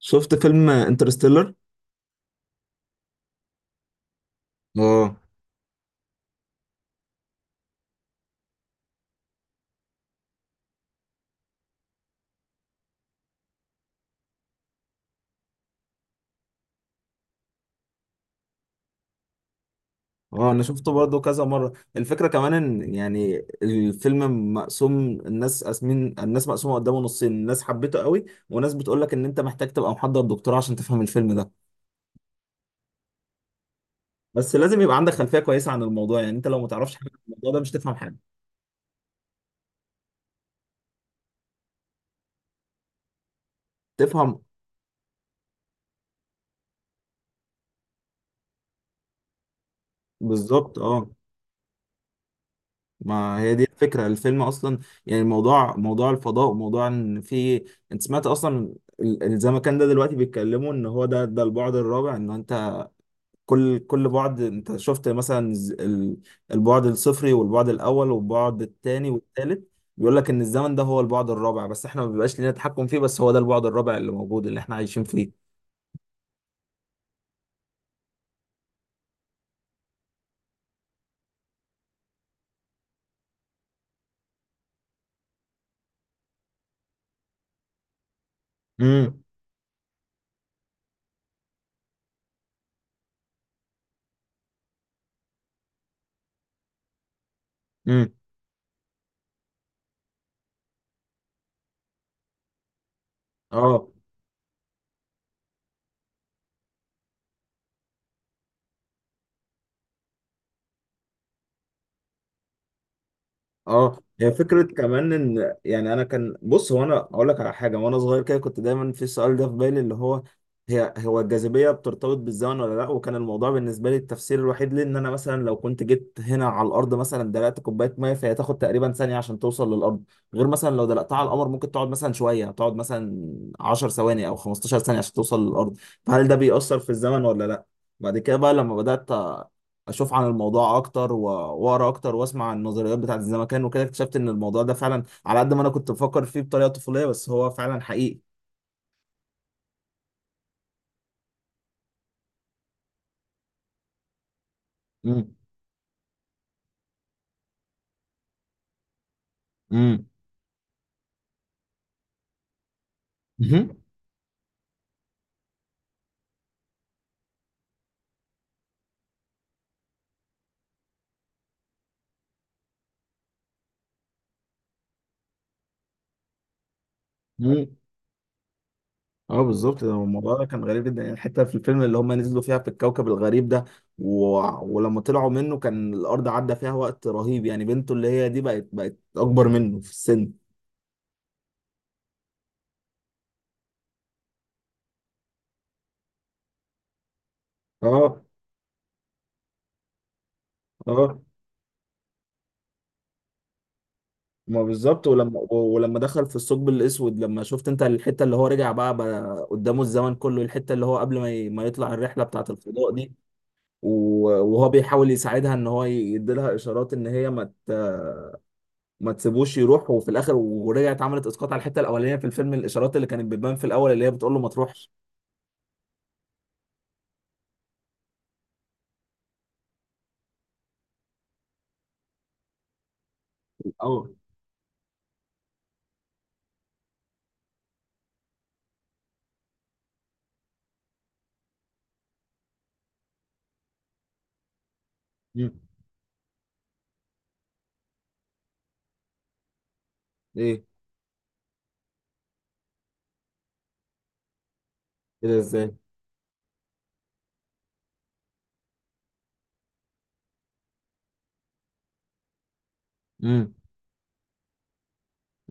شفت فيلم انترستيلر. اه. اه، انا شفته برضه كذا مره. الفكره كمان ان يعني الفيلم مقسوم. الناس مقسومه قدامه نصين. ناس حبيته قوي، وناس بتقول لك ان انت محتاج تبقى محضر دكتوراه عشان تفهم الفيلم ده. بس لازم يبقى عندك خلفيه كويسه عن الموضوع، يعني انت لو ما تعرفش حاجه عن الموضوع ده مش تفهم حاجه. تفهم. بالظبط، اه. ما هي دي الفكره الفيلم اصلا. يعني الموضوع موضوع الفضاء، وموضوع ان في، انت سمعت اصلا الزمكان ده دلوقتي بيتكلموا ان هو ده ده البعد الرابع. ان كل بعد انت شفت مثلا البعد الصفري والبعد الاول والبعد الثاني والثالث. بيقول لك ان الزمن ده هو البعد الرابع، بس احنا ما بيبقاش لنا تحكم فيه، بس هو ده البعد الرابع اللي موجود اللي احنا عايشين فيه. امم امم اه، اه، هي فكرة كمان ان يعني انا كان، بص هو انا اقول لك على حاجة، وانا صغير كده كنت دايما في السؤال ده في بالي، اللي هو هي هو الجاذبية بترتبط بالزمن ولا لا. وكان الموضوع بالنسبة لي التفسير الوحيد ليه ان انا مثلا لو كنت جيت هنا على الارض مثلا دلقت كوباية مية، فهي تاخد تقريبا ثانية عشان توصل للارض. غير مثلا لو دلقتها على القمر ممكن تقعد مثلا شوية، تقعد مثلا 10 ثواني او 15 ثانية عشان توصل للارض. فهل ده بيأثر في الزمن ولا لا؟ بعد كده بقى لما بدأت اشوف عن الموضوع اكتر واقرا اكتر واسمع عن النظريات بتاعت الزمكان وكده، اكتشفت ان الموضوع ده فعلا على قد ما انا كنت بفكر فيه بطريقه طفوليه، بس هو فعلا حقيقي. امم امم امم اه بالظبط. ده الموضوع ده كان غريب جدا، يعني الحته في الفيلم اللي هم نزلوا فيها في الكوكب الغريب ده و... ولما طلعوا منه كان الارض عدى فيها وقت رهيب، يعني بنته اللي هي دي بقت اكبر منه في السن. اه. اه ما بالظبط، ولما دخل في الثقب الاسود، لما شفت انت الحته اللي هو رجع بقى قدامه الزمن كله، الحته اللي هو قبل ما ما يطلع الرحله بتاعه الفضاء دي. وهو بيحاول يساعدها ان هو يديلها اشارات ان هي ما تسيبوش يروح، وفي الاخر ورجعت عملت اسقاط على الحته الاولانيه في الفيلم، الاشارات اللي كانت بتبان في الاول اللي هي بتقول له ما تروحش في الاول. مم. ايه كده، ازاي؟ امم.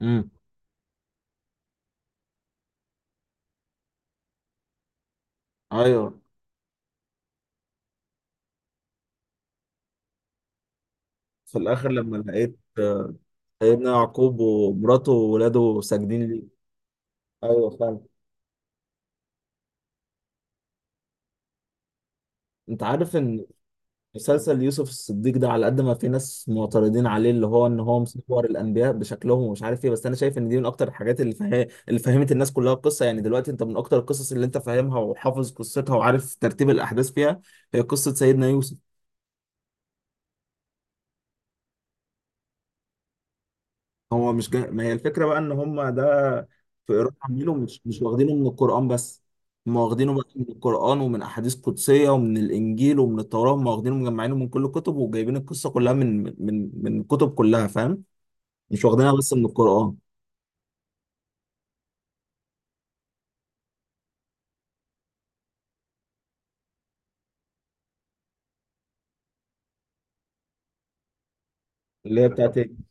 امم. ايوه. في الاخر لما لقيت سيدنا يعقوب ومراته وولاده ساجدين ليه. ايوه فعلا. انت عارف ان مسلسل يوسف الصديق ده، على قد ما في ناس معترضين عليه اللي هو ان هو مصور الانبياء بشكلهم ومش عارف ايه، بس انا شايف ان دي من اكتر الحاجات اللي اللي فهمت الناس كلها القصه. يعني دلوقتي انت من اكتر القصص اللي انت فاهمها وحافظ قصتها وعارف ترتيب الاحداث فيها، هي قصه سيدنا يوسف. هو مش ما هي الفكره بقى ان هم ده في قراءه عاملينه، مش مش واخدينه من القران بس. هم واخدينه بقى من القران، ومن احاديث قدسيه، ومن الانجيل، ومن التوراه. هم واخدينه مجمعينه من كل الكتب، وجايبين القصه كلها من الكتب كلها، فاهم؟ مش واخدينها بس من القرآن. اللي هي بتاعت إيه؟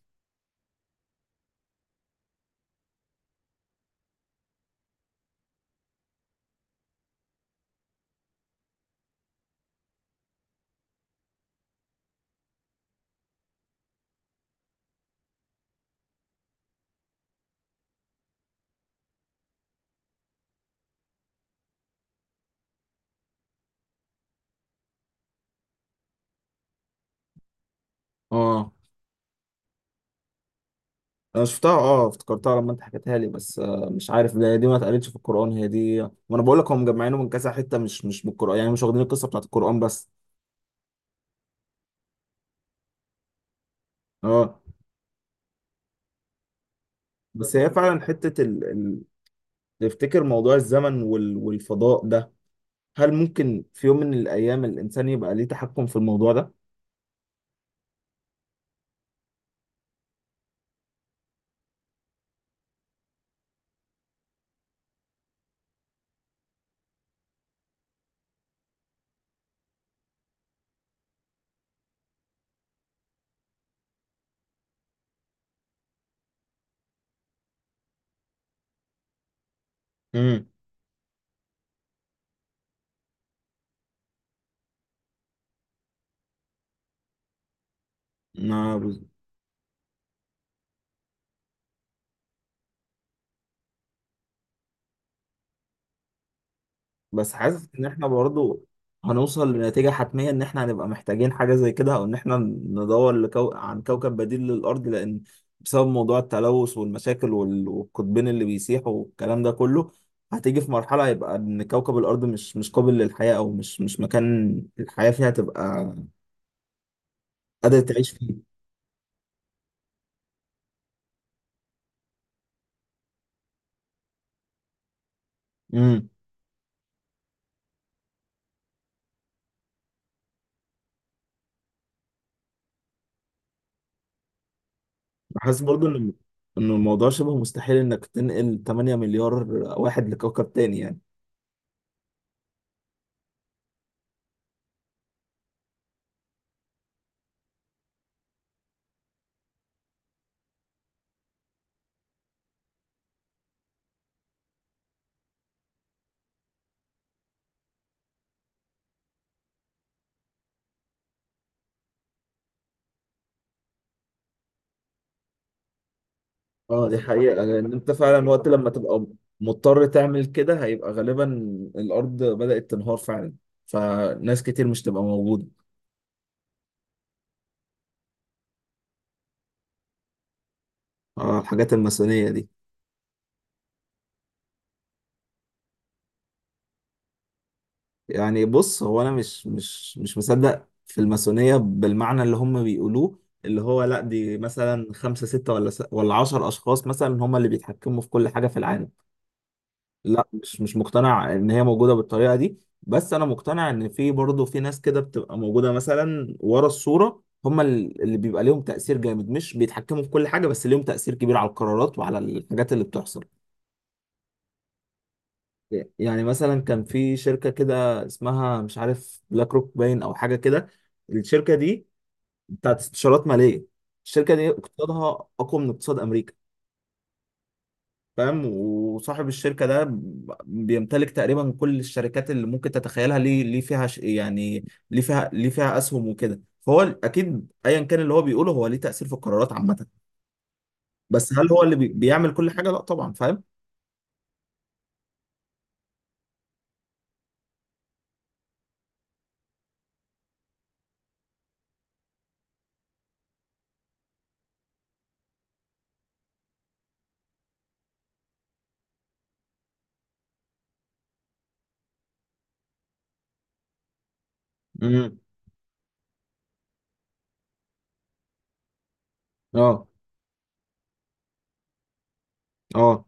اه، انا شفتها. اه، افتكرتها لما انت حكيتها لي. بس آه مش عارف، ده دي ما اتقالتش في القرآن، هي دي ما انا بقول لك هم مجمعينه من كذا حتة، مش مش من القرآن، يعني مش واخدين القصة بتاعت القرآن بس. اه. بس هي فعلا حتة تفتكر موضوع الزمن والفضاء ده، هل ممكن في يوم من الأيام الإنسان يبقى ليه تحكم في الموضوع ده؟ امم. بس حاسس ان احنا برضو هنوصل لنتيجة حتمية ان احنا هنبقى محتاجين حاجة زي كده، او ان احنا ندور عن كوكب بديل للارض. لان بسبب موضوع التلوث والمشاكل والقطبين اللي بيسيحوا والكلام ده كله، هتيجي في مرحلة هيبقى ان كوكب الارض مش مش قابل للحياة، او مش مش مكان الحياة فيها تبقى قادرة تعيش فيه. امم. حاسس برضو ان ان الموضوع شبه مستحيل انك تنقل 8 مليار واحد لكوكب تاني يعني. اه دي حقيقة، لأن أنت فعلا وقت لما تبقى مضطر تعمل كده، هيبقى غالبا الأرض بدأت تنهار فعلا، فناس كتير مش تبقى موجودة. اه الحاجات الماسونية دي. يعني بص، هو انا مش مش مش مصدق في الماسونية بالمعنى اللي هم بيقولوه، اللي هو لا دي مثلا خمسة ستة ولا 10 اشخاص مثلا هم اللي بيتحكموا في كل حاجة في العالم. لا مش مش مقتنع ان هي موجوده بالطريقه دي، بس انا مقتنع ان في برضه في ناس كده بتبقى موجوده مثلا ورا الصوره، هم اللي بيبقى ليهم تاثير جامد، مش بيتحكموا في كل حاجه، بس ليهم تاثير كبير على القرارات وعلى الحاجات اللي بتحصل. يعني مثلا كان في شركه كده اسمها مش عارف بلاك روك باين او حاجه كده. الشركه دي بتاعت استشارات ماليه. الشركه دي اقتصادها اقوى من اقتصاد امريكا. فاهم؟ وصاحب الشركة ده بيمتلك تقريبا كل الشركات اللي ممكن تتخيلها، يعني ليه فيها أسهم وكده، فهو أكيد أيا كان اللي هو بيقوله هو ليه تأثير في القرارات عامة. بس هل هو اللي بيعمل كل حاجة؟ لا طبعا، فاهم؟ امم. اه. اه.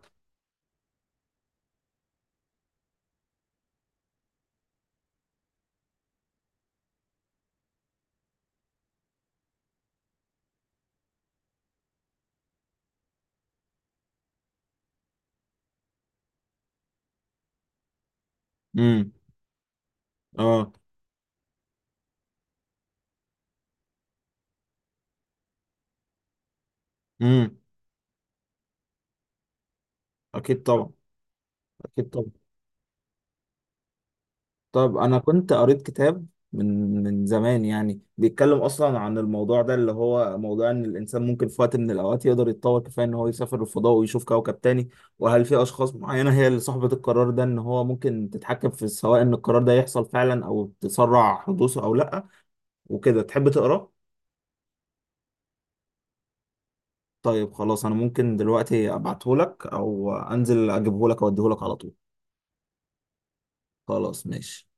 امم. اه. امم. اكيد طبعا. اكيد طبعا. طب انا كنت قريت كتاب من زمان، يعني بيتكلم اصلا عن الموضوع ده اللي هو موضوع ان الانسان ممكن في وقت من الاوقات يقدر يتطور كفايه ان هو يسافر الفضاء ويشوف كوكب تاني. وهل في اشخاص معينه هي اللي صاحبه القرار ده، ان هو ممكن تتحكم في سواء ان القرار ده يحصل فعلا او تسرع حدوثه او لا. وكده، تحب تقراه؟ طيب خلاص، انا ممكن دلوقتي ابعته لك، او انزل اجيبه لك اوديه لك على طول. خلاص ماشي.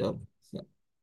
يلا.